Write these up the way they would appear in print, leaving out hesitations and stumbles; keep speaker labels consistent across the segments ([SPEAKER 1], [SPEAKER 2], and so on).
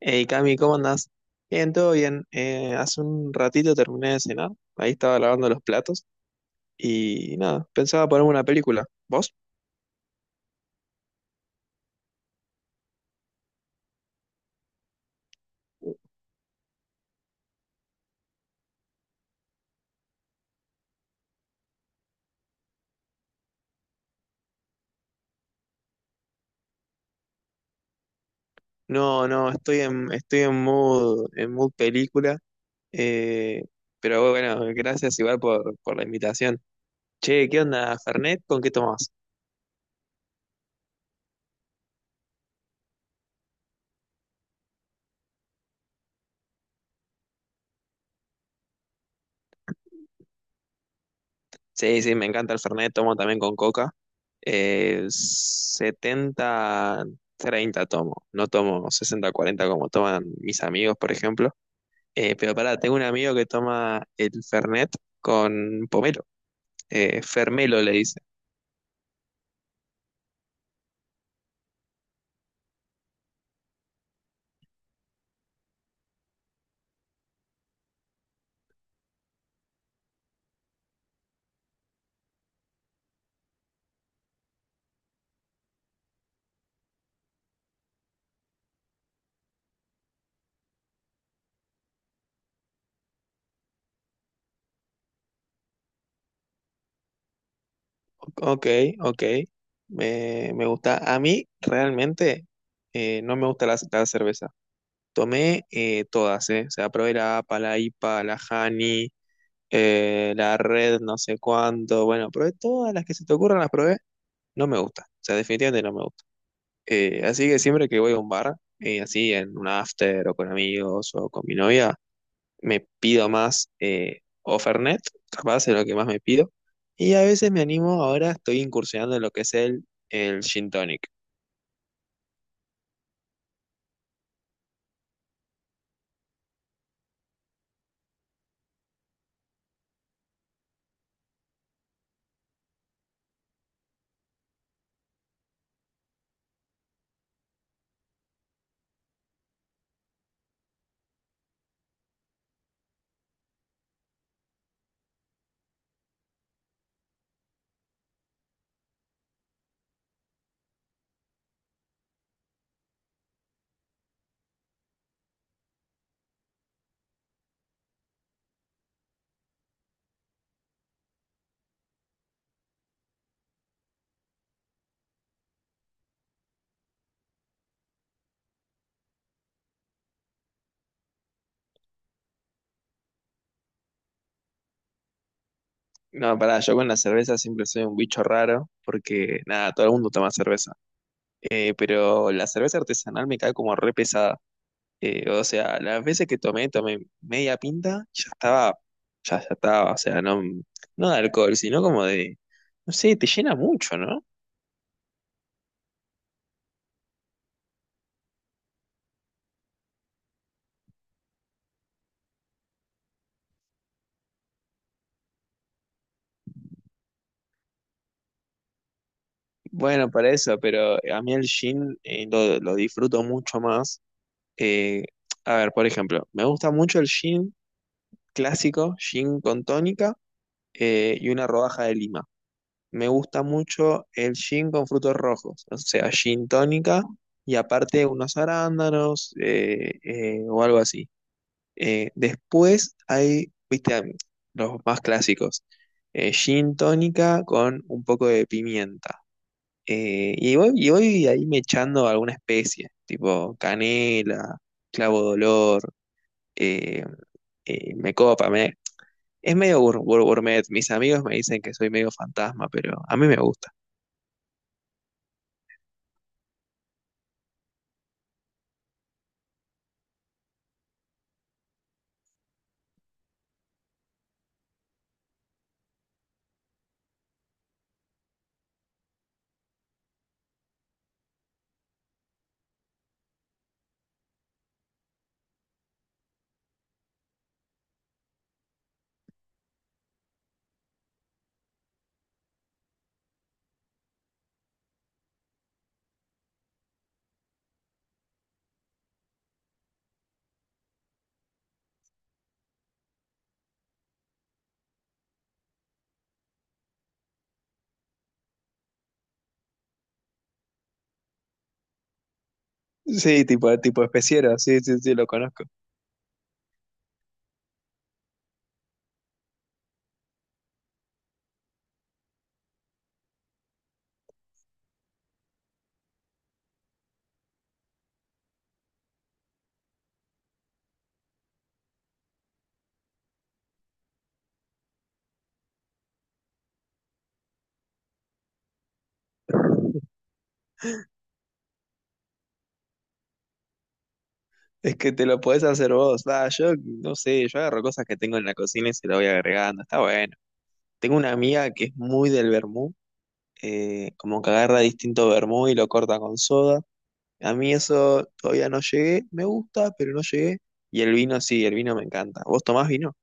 [SPEAKER 1] Hey Cami, ¿cómo andás? Bien, todo bien. Hace un ratito terminé de cenar, ahí estaba lavando los platos y nada, pensaba ponerme una película. ¿Vos? No, no, estoy en, estoy en mood película, eh, pero bueno, gracias igual por la invitación. Che, ¿qué onda, Fernet? ¿Con qué tomás? Sí, sí, me encanta el Fernet, tomo también con coca. 70, 30 tomo, no tomo 60 40 como toman mis amigos, por ejemplo. Pero pará, tengo un amigo que toma el Fernet con pomelo, Fermelo le dice. Ok, ok, me gusta. A mí realmente no me gusta la cerveza. Tomé todas. O sea, probé la APA, la IPA, la Hani la red no sé cuánto, bueno, probé todas las que se te ocurran, las probé, no me gusta, o sea, definitivamente no me gusta. Así que siempre que voy a un bar, así en un after o con amigos o con mi novia, me pido más o Fernet, capaz es lo que más me pido, y a veces me animo, ahora estoy incursionando en lo que es el gin tonic. No, pará, yo con la cerveza siempre soy un bicho raro, porque nada, todo el mundo toma cerveza. Pero la cerveza artesanal me cae como re pesada. O sea, las veces que tomé media pinta, ya estaba, ya estaba, o sea, no, no de alcohol, sino como de, no sé, te llena mucho, ¿no? Bueno, para eso, pero a mí el gin lo disfruto mucho más. Eh, a ver, por ejemplo, me gusta mucho el gin clásico, gin con tónica y una rodaja de lima. Me gusta mucho el gin con frutos rojos, o sea, gin tónica y aparte unos arándanos o algo así. Después hay, viste, los más clásicos. Gin tónica con un poco de pimienta. Y voy ahí me echando alguna especie, tipo canela, clavo de olor, eh, me copa. Es medio gourmet. Mis amigos me dicen que soy medio fantasma, pero a mí me gusta. Sí, tipo especiero, sí, sí, sí, lo conozco. Es que te lo podés hacer vos. Ah, yo no sé, yo agarro cosas que tengo en la cocina y se lo voy agregando. Está bueno. Tengo una amiga que es muy del vermú, como que agarra distinto vermú y lo corta con soda. A mí eso todavía no llegué, me gusta, pero no llegué. Y el vino sí, el vino me encanta. ¿Vos tomás vino?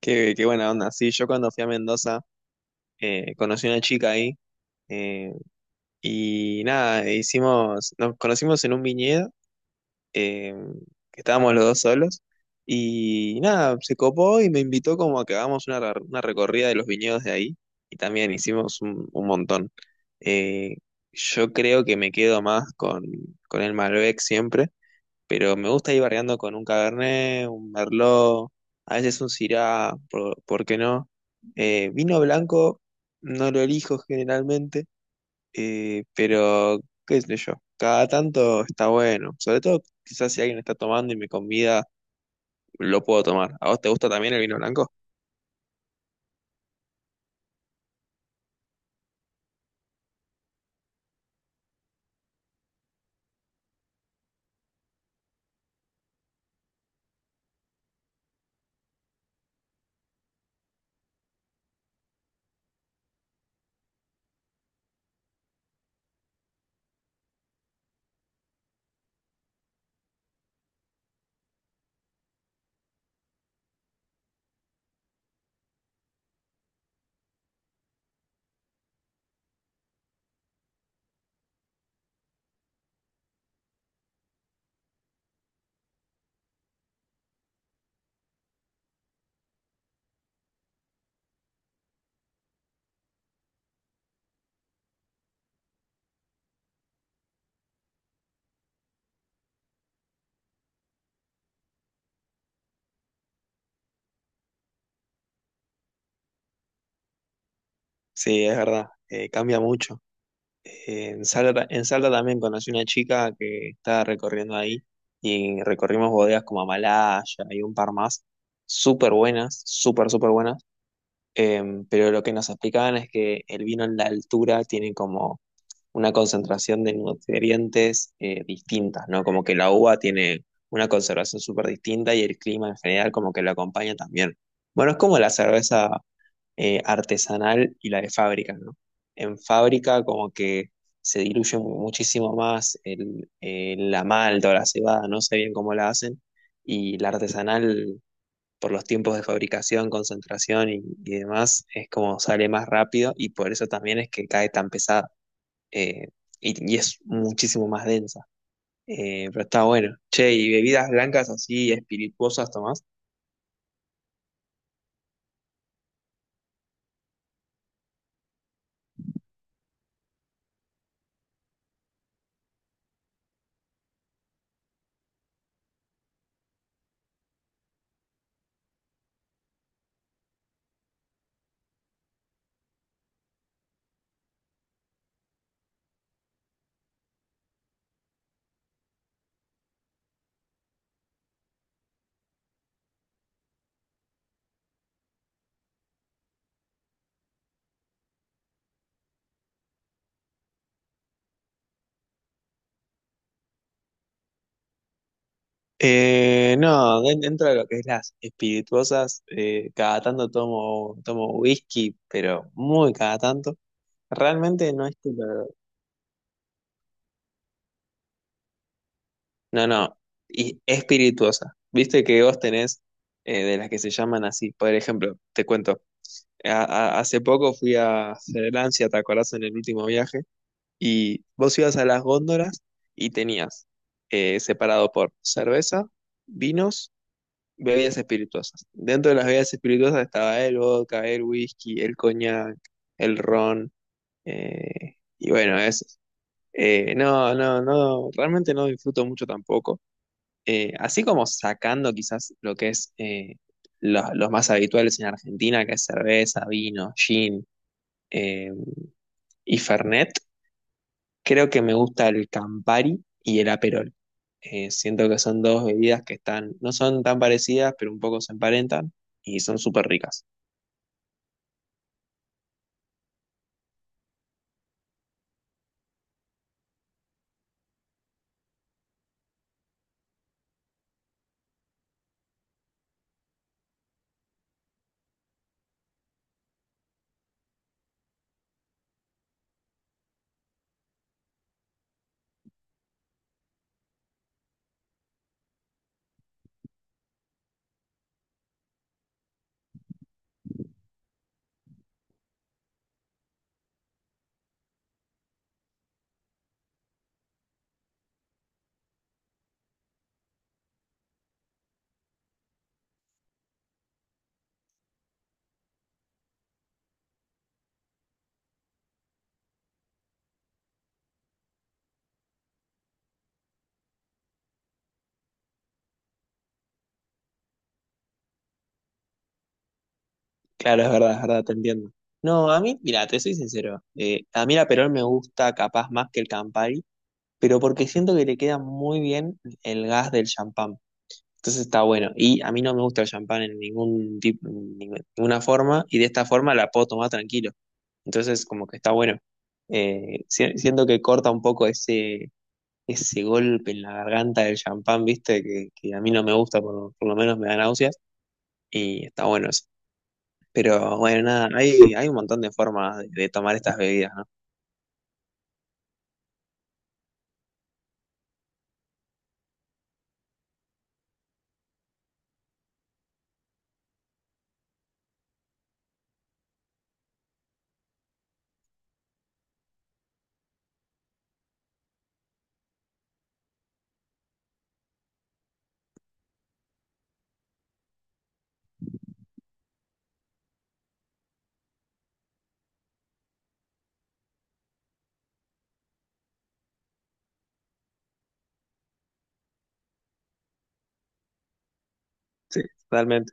[SPEAKER 1] Qué buena onda. Sí, yo cuando fui a Mendoza conocí a una chica ahí eh, y nada, nos conocimos en un viñedo. eh, que estábamos los dos solos. Y nada, se copó y me invitó como a que hagamos una recorrida de los viñedos de ahí. Y también hicimos un montón. Eh, yo creo que me quedo más con el Malbec siempre, pero me gusta ir variando con un Cabernet, un Merlot, a veces un Syrah, ¿por qué no? Vino blanco no lo elijo generalmente pero, qué sé yo, cada tanto está bueno. Sobre todo, quizás si alguien está tomando y me convida, lo puedo tomar. ¿A vos te gusta también el vino blanco? Sí, es verdad, cambia mucho. En Salta también conocí una chica que estaba recorriendo ahí y recorrimos bodegas como Amalaya y un par más, súper buenas, súper, súper buenas. Pero lo que nos explicaban es que el vino en la altura tiene como una concentración de nutrientes distintas, ¿no? Como que la uva tiene una conservación súper distinta y el clima en general como que lo acompaña también. Bueno, es como la cerveza artesanal y la de fábrica, ¿no? En fábrica como que se diluye muchísimo más la malta o la cebada, no sé bien cómo la hacen, y la artesanal por los tiempos de fabricación, concentración y demás, es como sale más rápido y por eso también es que cae tan pesada eh, y es muchísimo más densa. Pero está bueno. Che, y bebidas blancas así, espirituosas tomás. No, dentro de lo que es las espirituosas, cada tanto tomo whisky, pero muy cada tanto. Realmente no es que. No, no, y espirituosa. Viste que vos tenés de las que se llaman así. Por ejemplo, te cuento, hace poco fui a Cerelancia, ¿te acordás en el último viaje? Y vos ibas a las góndolas y tenías separado por cerveza, vinos, bebidas espirituosas. Dentro de las bebidas espirituosas estaba el vodka, el whisky, el coñac, el ron, y bueno, eso. No, no, no, realmente no disfruto mucho tampoco. Así como sacando quizás lo que es los más habituales en Argentina, que es cerveza, vino, gin eh, y fernet. Creo que me gusta el Campari y el Aperol. Siento que son dos bebidas que están, no son tan parecidas, pero un poco se emparentan y son súper ricas. Claro, es verdad, te entiendo. No, a mí, mira, te soy sincero. A mí el Aperol me gusta capaz más que el Campari, pero porque siento que le queda muy bien el gas del champán. Entonces está bueno. Y a mí no me gusta el champán en ningún tipo, en ninguna forma, y de esta forma la puedo tomar tranquilo. Entonces, como que está bueno. Siento que corta un poco ese golpe en la garganta del champán, viste, que a mí no me gusta, por lo menos me da náuseas, y está bueno eso. Pero bueno, nada, hay un montón de formas de tomar estas bebidas, ¿no? Sí, totalmente.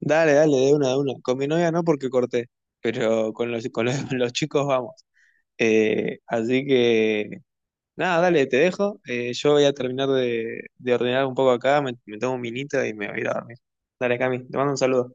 [SPEAKER 1] Dale, dale, de una, de una. Con mi novia no porque corté, pero con los, los chicos vamos. Así que, nada, dale, te dejo. Yo voy a terminar de ordenar un poco acá, me tomo un minito y me voy a ir a dormir. Dale, Cami, te mando un saludo.